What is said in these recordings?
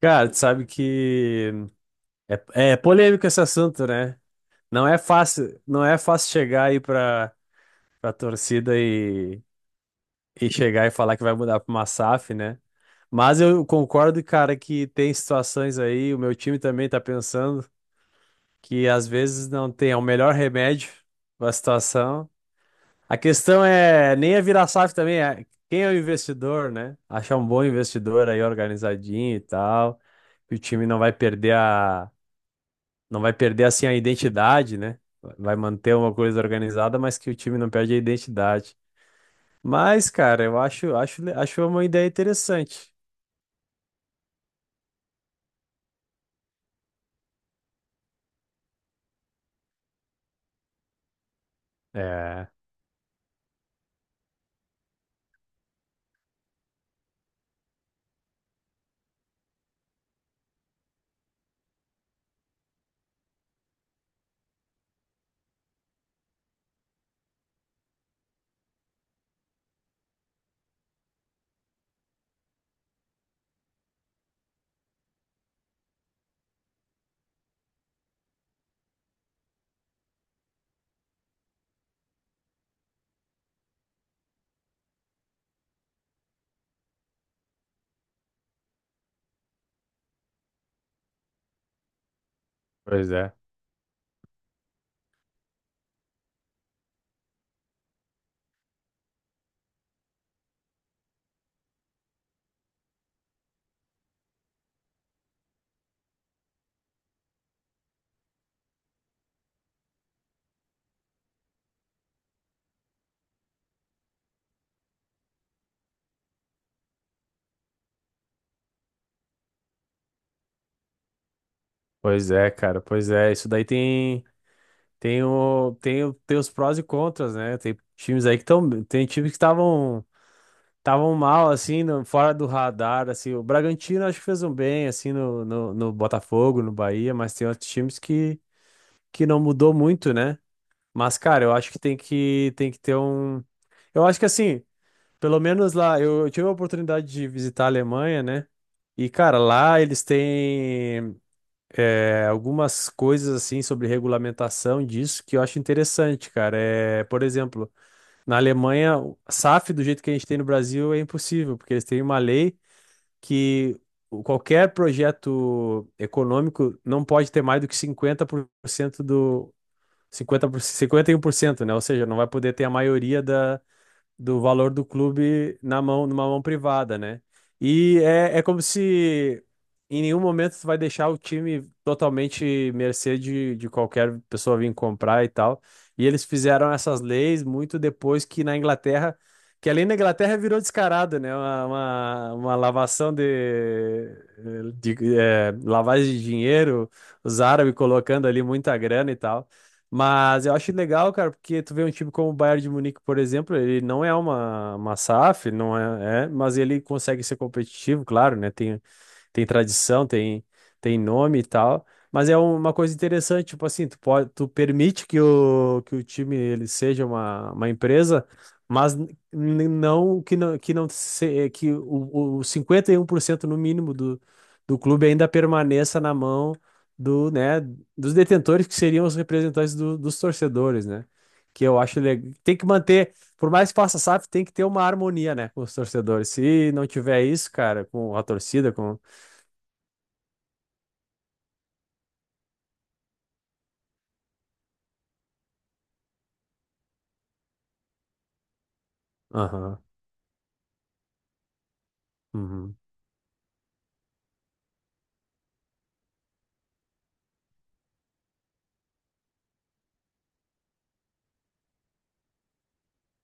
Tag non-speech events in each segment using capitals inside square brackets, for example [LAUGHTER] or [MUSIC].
Cara, tu sabe que é polêmico esse assunto, né? Não é fácil, não é fácil chegar pra torcida e chegar e falar que vai mudar pra uma SAF, né? Mas eu concordo, cara, que tem situações aí, o meu time também tá pensando que às vezes não tem é o melhor remédio pra situação. A questão é nem é virar SAF também, é quem é o investidor, né? Achar um bom investidor aí organizadinho e tal, que o time não vai perder a não vai perder assim a identidade, né? Vai manter uma coisa organizada, mas que o time não perde a identidade. Mas, cara, eu acho uma ideia interessante. É, pois é. Pois é, cara, pois é. Isso daí tem os prós e contras, né? Tem times aí que estão tem times que estavam estavam mal assim, no- fora do radar, assim. O Bragantino acho que fez um bem assim no Botafogo, no Bahia, mas tem outros times que não mudou muito, né? Mas, cara, eu acho que tem que ter um. Eu acho que assim, pelo menos lá, eu tive a oportunidade de visitar a Alemanha, né? E, cara, lá eles têm algumas coisas assim sobre regulamentação disso que eu acho interessante, cara. É, por exemplo, na Alemanha, o SAF do jeito que a gente tem no Brasil é impossível, porque eles têm uma lei que o- qualquer projeto econômico não pode ter mais do que 50% do, 50, 51%, né? Ou seja, não vai poder ter a maioria da, do valor do clube na mão, numa mão privada, né? E é, é como se em nenhum momento tu vai deixar o time totalmente mercê de qualquer pessoa vir comprar e tal. E eles fizeram essas leis muito depois que na Inglaterra, que além da Inglaterra virou descarado, né? Uma lavação de lavagem de dinheiro, os árabes colocando ali muita grana e tal. Mas eu acho legal, cara, porque tu vê um time como o Bayern de Munique, por exemplo, ele não é uma SAF, não é, é, mas ele consegue ser competitivo, claro, né? Tem tradição, tem nome e tal. Mas é uma coisa interessante, tipo assim, tu pode, tu permite que o time ele seja uma empresa, mas n- n- não que não que não se, é que o 51% no mínimo do clube ainda permaneça na mão do, né, dos detentores que seriam os representantes dos torcedores, né? Que eu acho legal. Tem que manter, por mais que faça SAF, tem que ter uma harmonia, né, com os torcedores. Se não tiver isso, cara, com a torcida. Aham. Uhum.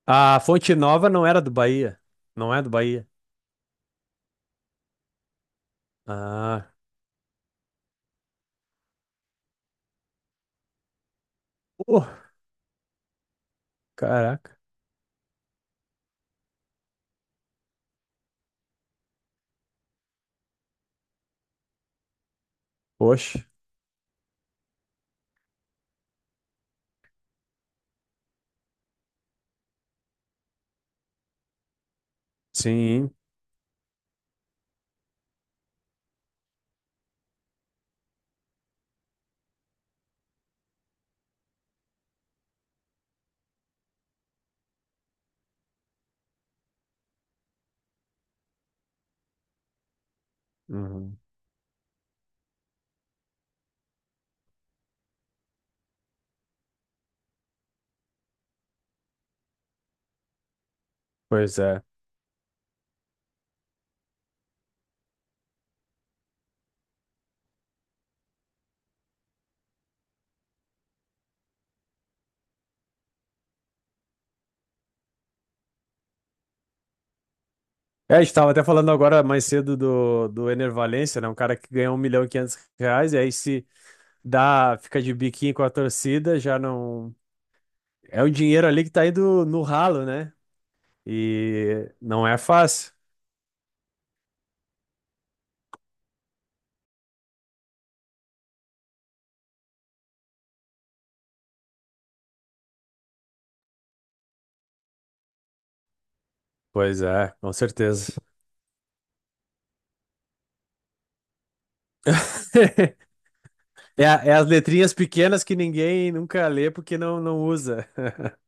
A Fonte Nova não era do Bahia. Não é do Bahia. Ah. Uh, caraca. Poxa. Sim. Uhum. Pois é. É, a gente tava até falando agora mais cedo do Ener Valencia, né? Um cara que ganhou um milhão e 500 reais e aí se dá, fica de biquinho com a torcida, já não... É o dinheiro ali que tá indo no ralo, né? E não é fácil. Pois é, com certeza. [LAUGHS] É, a- é as letrinhas pequenas que ninguém nunca lê porque não usa. [LAUGHS]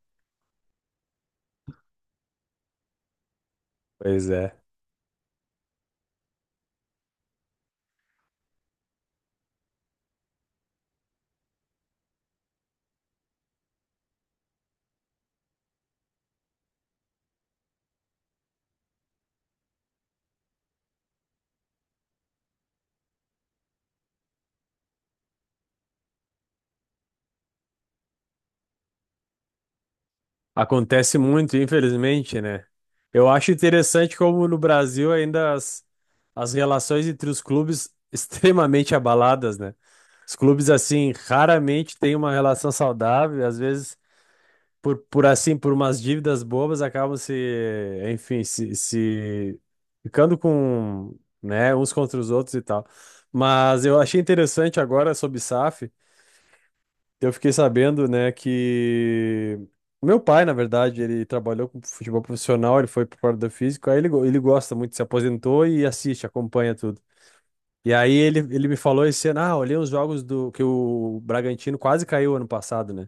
Pois é. Acontece muito, infelizmente, né? Eu acho interessante como no Brasil ainda as relações entre os clubes [LAUGHS] extremamente abaladas, né? Os clubes, assim, raramente têm uma relação saudável, às vezes. Por umas dívidas bobas, acabam se, enfim, se ficando com, né, uns contra os outros e tal. Mas eu achei interessante agora sobre SAF, eu fiquei sabendo, né, que o meu pai, na verdade, ele trabalhou com futebol profissional, ele foi para o físico, aí ele, ele gosta muito, se aposentou e assiste, acompanha tudo. E aí ele me falou esse ano, ah, olhei os jogos do que o Bragantino quase caiu ano passado, né?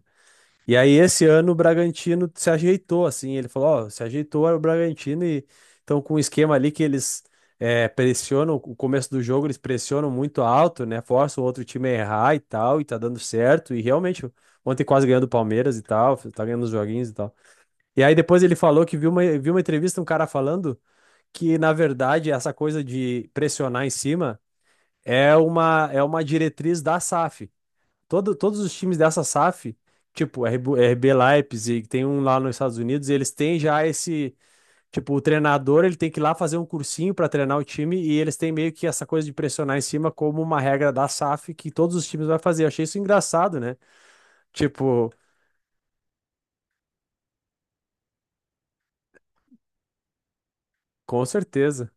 E aí, esse ano, o Bragantino se ajeitou, assim. Ele falou: Ó, se ajeitou era o Bragantino e estão com um esquema ali que eles pressionam, o começo do jogo eles pressionam muito alto, né? Forçam o outro time a errar e tal, e tá dando certo. E realmente, ontem quase ganhando o Palmeiras e tal, tá ganhando os joguinhos e tal. E aí, depois ele falou que viu viu uma entrevista, um cara falando que, na verdade, essa coisa de pressionar em cima é uma diretriz da SAF. Todos os times dessa SAF, tipo RB, RB Leipzig, tem um lá nos Estados Unidos, e eles têm já esse, tipo, o treinador, ele tem que ir lá fazer um cursinho para treinar o time e eles têm meio que essa coisa de pressionar em cima como uma regra da SAF que todos os times vão fazer. Eu achei isso engraçado, né? Tipo, com certeza.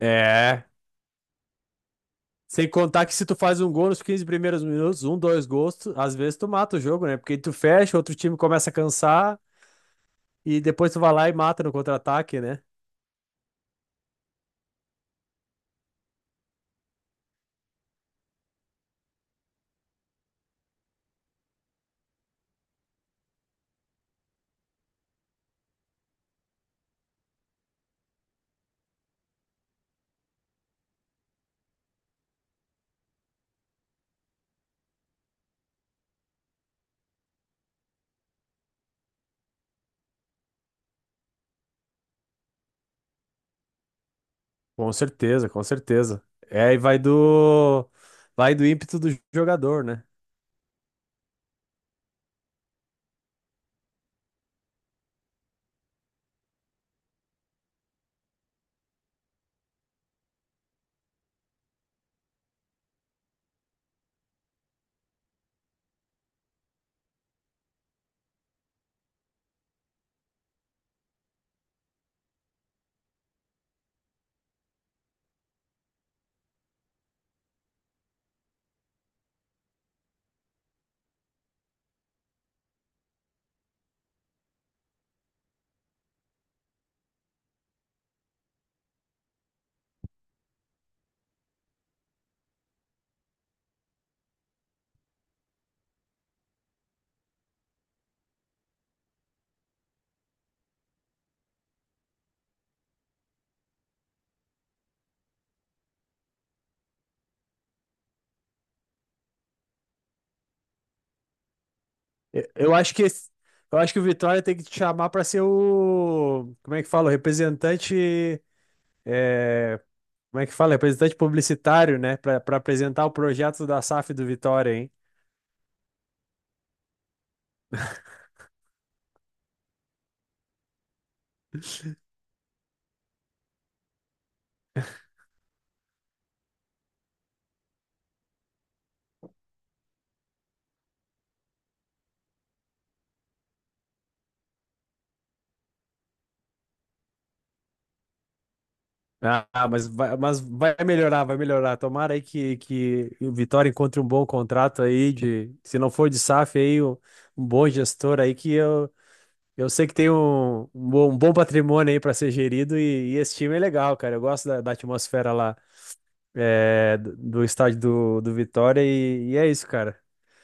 É. Sem contar que se tu faz um gol nos 15 primeiros minutos, um, dois gols, tu- às vezes tu mata o jogo, né? Porque tu fecha, outro time começa a cansar e depois tu vai lá e mata no contra-ataque, né? Com certeza, com certeza. É, e vai do ímpeto do jogador, né? Eu acho que eu acho que o Vitória tem que te chamar para ser o, como é que fala, o representante, é, como é que fala, representante publicitário, né, Pra para apresentar o projeto da SAF do Vitória, hein? Ah, mas vai melhorar, vai melhorar. Tomara aí que o Vitória encontre um bom contrato aí de, se não for de SAF aí, um bom gestor aí que eu sei que tem um bom patrimônio aí para ser gerido e esse time é legal, cara. Eu gosto da atmosfera lá, é, do, do estádio do Vitória e é isso, cara.